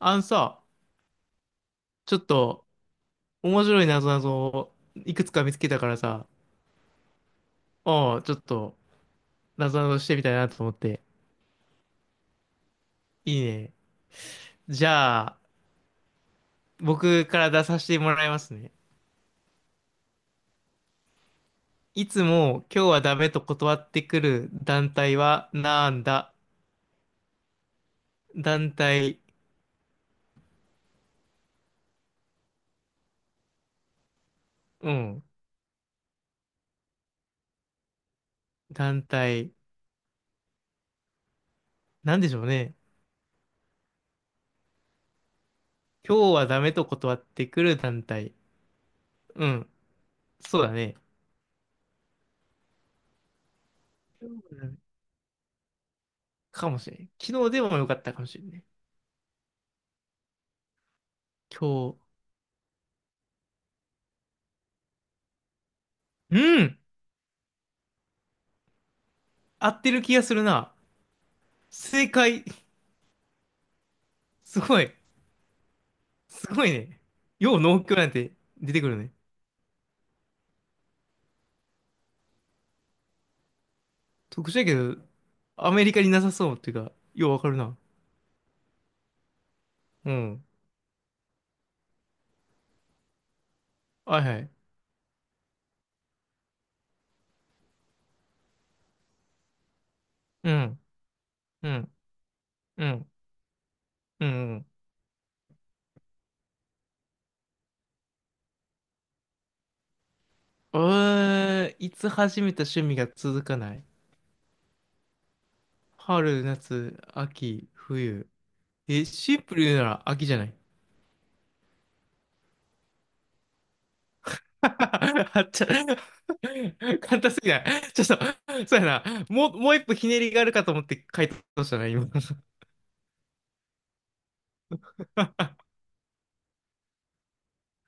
あのさ、ちょっと面白いなぞなぞをいくつか見つけたからさ、おう、ちょっとなぞなぞしてみたいなと思って。いいね。じゃあ、僕から出させてもらいますね。いつも今日はダメと断ってくる団体はなんだ？団体、うん、団体、なんでしょうね。今日はダメと断ってくる団体。うん、そうだね。今日はダメかもしれん。昨日でもよかったかもしれんね。今日、うん合ってる気がするな。正解。すごい。すごいね。よう農協なんて出てくるね。特殊やけど、アメリカになさそうっていうか、ようわかるな。うん。はいはい。うん。うん。うん。うん。いつ始めた趣味が続かない？春、夏、秋、冬。え、シンプルに言うなら秋じゃない？ あっちゃ、簡単すぎない。ちょっと、そうやな。もう一歩ひねりがあるかと思って回答したな、今。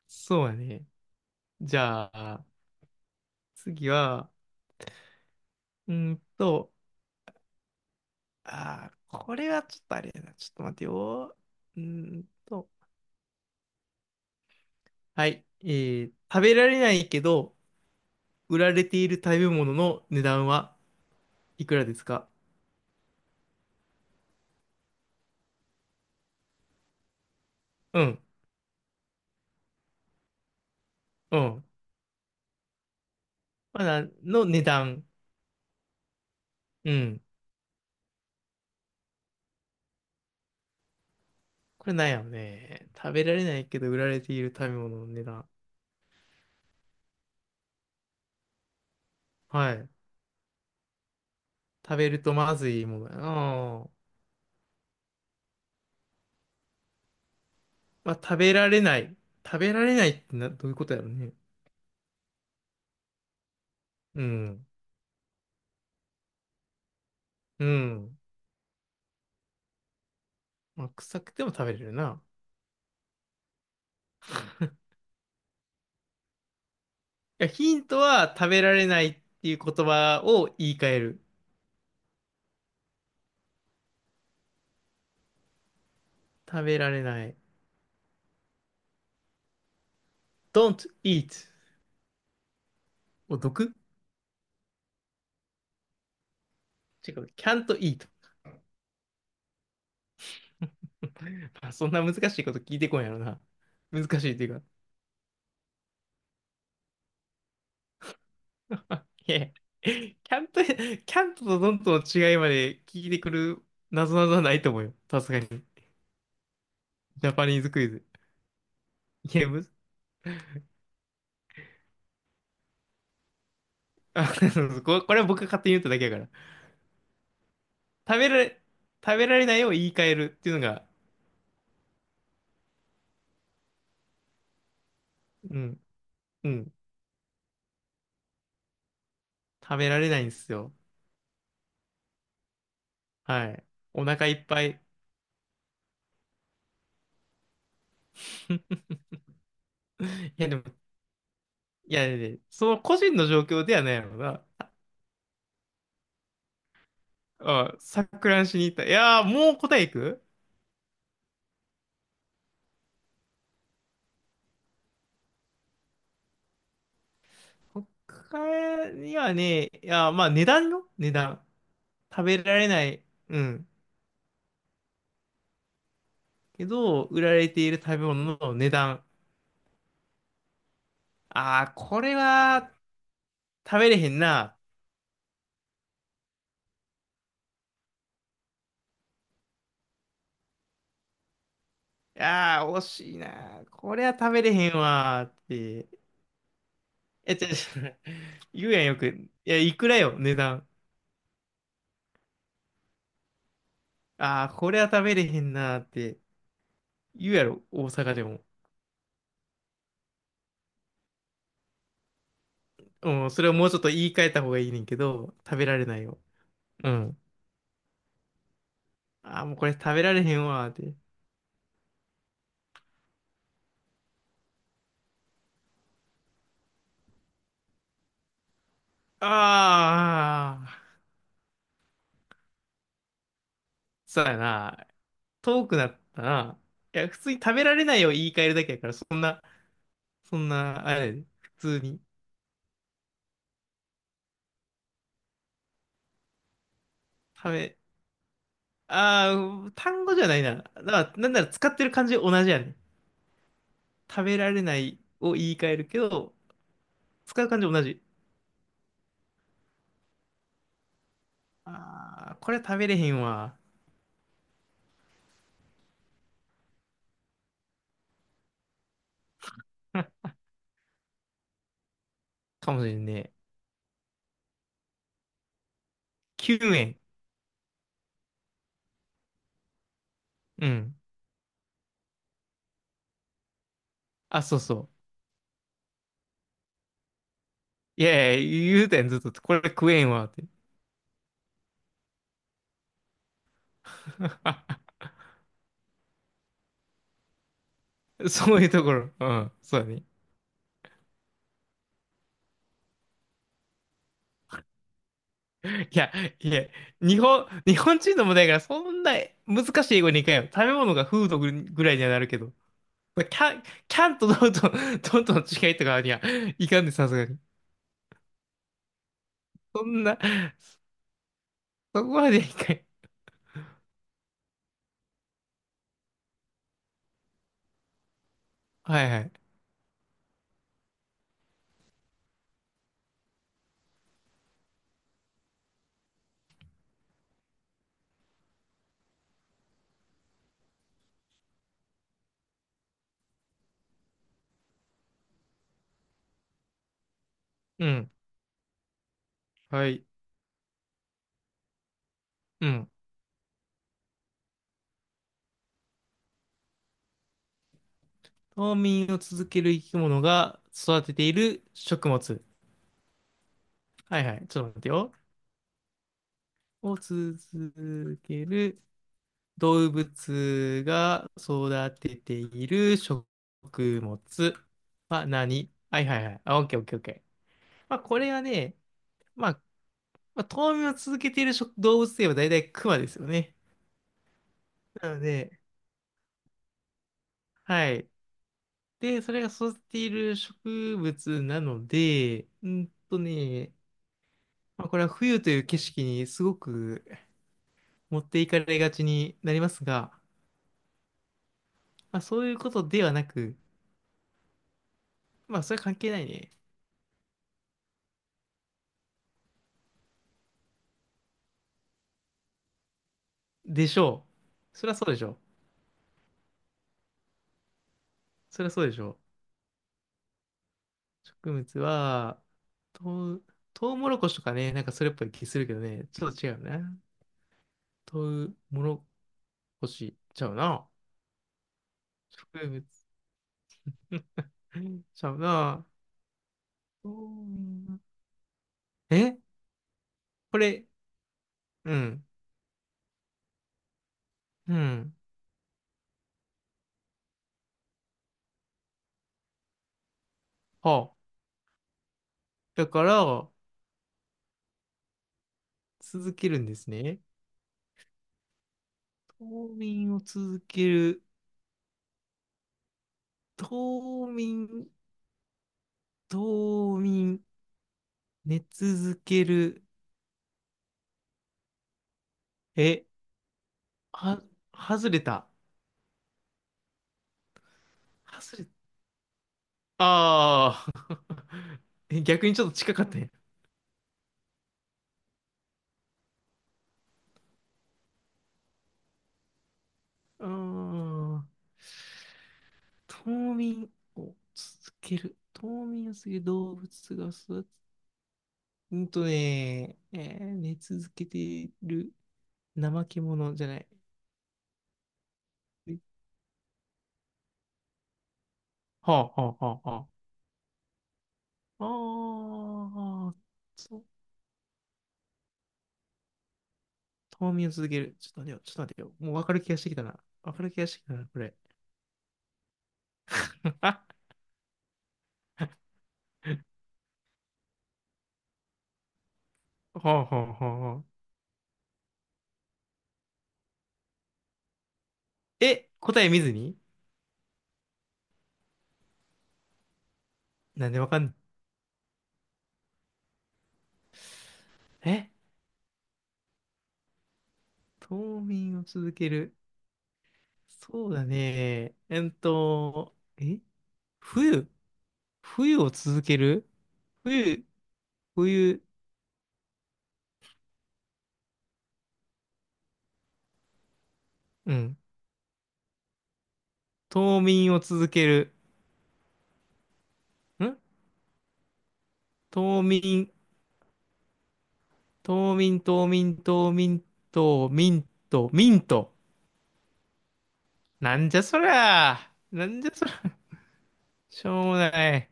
そうやね。じゃあ、次は、うーんと、あー、これはちょっとあれやな。ちょっと待てよ。うーんと、はい。食べられないけど、売られている食べ物の値段はいくらですか？うん、うん。まあなの値段。うん。これなんやろね。食べられないけど、売られている食べ物の値段。はい。食べるとまずいものやな。まあ、食べられない。食べられないってな、どういうことやろね。うん。うん。まあ、臭くても食べれるな。いや、ヒントは食べられないっていう言葉を言い換える。食べられない。don't eat を毒違う。can't eat。まあ、そんな難しいこと聞いてこんやろな。難しいっていうか。いや、can't can't と dont の違いまで聞いてくる謎々はないと思うよ。さすがに。ジャパニーズクイズ。いや、むず、あ、これは僕が勝手に言っただけやから。食べられ、食べられないを言い換えるっていうのが、うん。うん食べられないんですよ。はい。お腹いっぱい。いやでも、その個人の状況ではないのが、あ、錯乱しに行った。いやー、もう答えいく。他にはね、いやー、まあ値段よ、値段。食べられない。うん。けど、売られている食べ物の値段。ああ、これは食べれへんな。ああ、惜しいな。これは食べれへんわーって。え、違う違う。言うやんよく。いや、いくらよ、値段。ああ、これは食べれへんなーって言うやろ、大阪でも。うん、それをもうちょっと言い換えた方がいいねんけど、食べられないよ。うん。ああ、もうこれ食べられへんわーって。ああ、そうやな。遠くなったな。いや、普通に食べられないを言い換えるだけやから、そんな、あれやで、普通に。食べ、ああ、単語じゃないな。だから、なんなら使ってる感じ同じやねん。食べられないを言い換えるけど、使う感じ同じ。ああ、これ食べれへんわ。かもしれんね。9円。うん。あ、そうそう。いやいや、言うたやん、ずっと。これ食えんわ、って。そういうところ。うん。そうだね。いや、いや、日本人の問題やから、そんな難しい英語にいかんよ。食べ物がフードぐぐらいにはなるけど。まあキャン、キャンとドンと、ドンとの違いとかにはいかんで、さすがに。そんな、そこまでいかん。はいはい。うん。はい。うん。冬眠を続ける生き物が育てている食物。はいはい。ちょっと待ってよ。を続ける動物が育てている食物は何？はいはいはい。あ、オッケーオッケーオッケー。まあ、これはね、まあ、まあ、冬眠を続けている食動物といえば大体クマですよね。なので、はい。で、それが育てている植物なので、うんとね、まあ、これは冬という景色にすごく持っていかれがちになりますが、まあ、そういうことではなく、まあ、それ関係ないね。でしょう。そりゃそうでしょう。そりゃそうでしょう。植物は、とう、とうもろこしとかね、なんかそれっぽい気するけどね、ちょっと違うな。とうもろこしちゃうな。植物 ちゃうな。とうえこれ、うん、うん。はあ。だから、続けるんですね。冬眠を続ける。冬眠、冬眠、寝続ける。えは、外れた。外れ、ああ。え逆にちょっと近かったね。うーん。冬眠を続ける。冬眠をする動物が育つ。うんとね、えー寝続けている怠け者じゃない。はあ。ああ、そう。冬眠を続ける。ちょっと待てよ。もう分かる気がしてきたな。分かる気がしてきたな、これ。ははあ。え、答え見ずに？なんでわかん、ない？え冬眠を続ける。そうだね。冬冬を続ける。冬、冬、うん。冬眠を続ける。ん冬眠、冬眠、冬眠、冬眠、冬眠、冬眠と、ミント。なんじゃそりゃ。なんじゃそりゃ。しょうもない。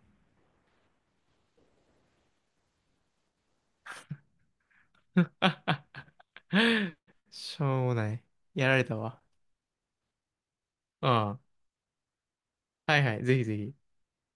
しょうもない。やられたわ。うん。はいはい。ぜひぜひ。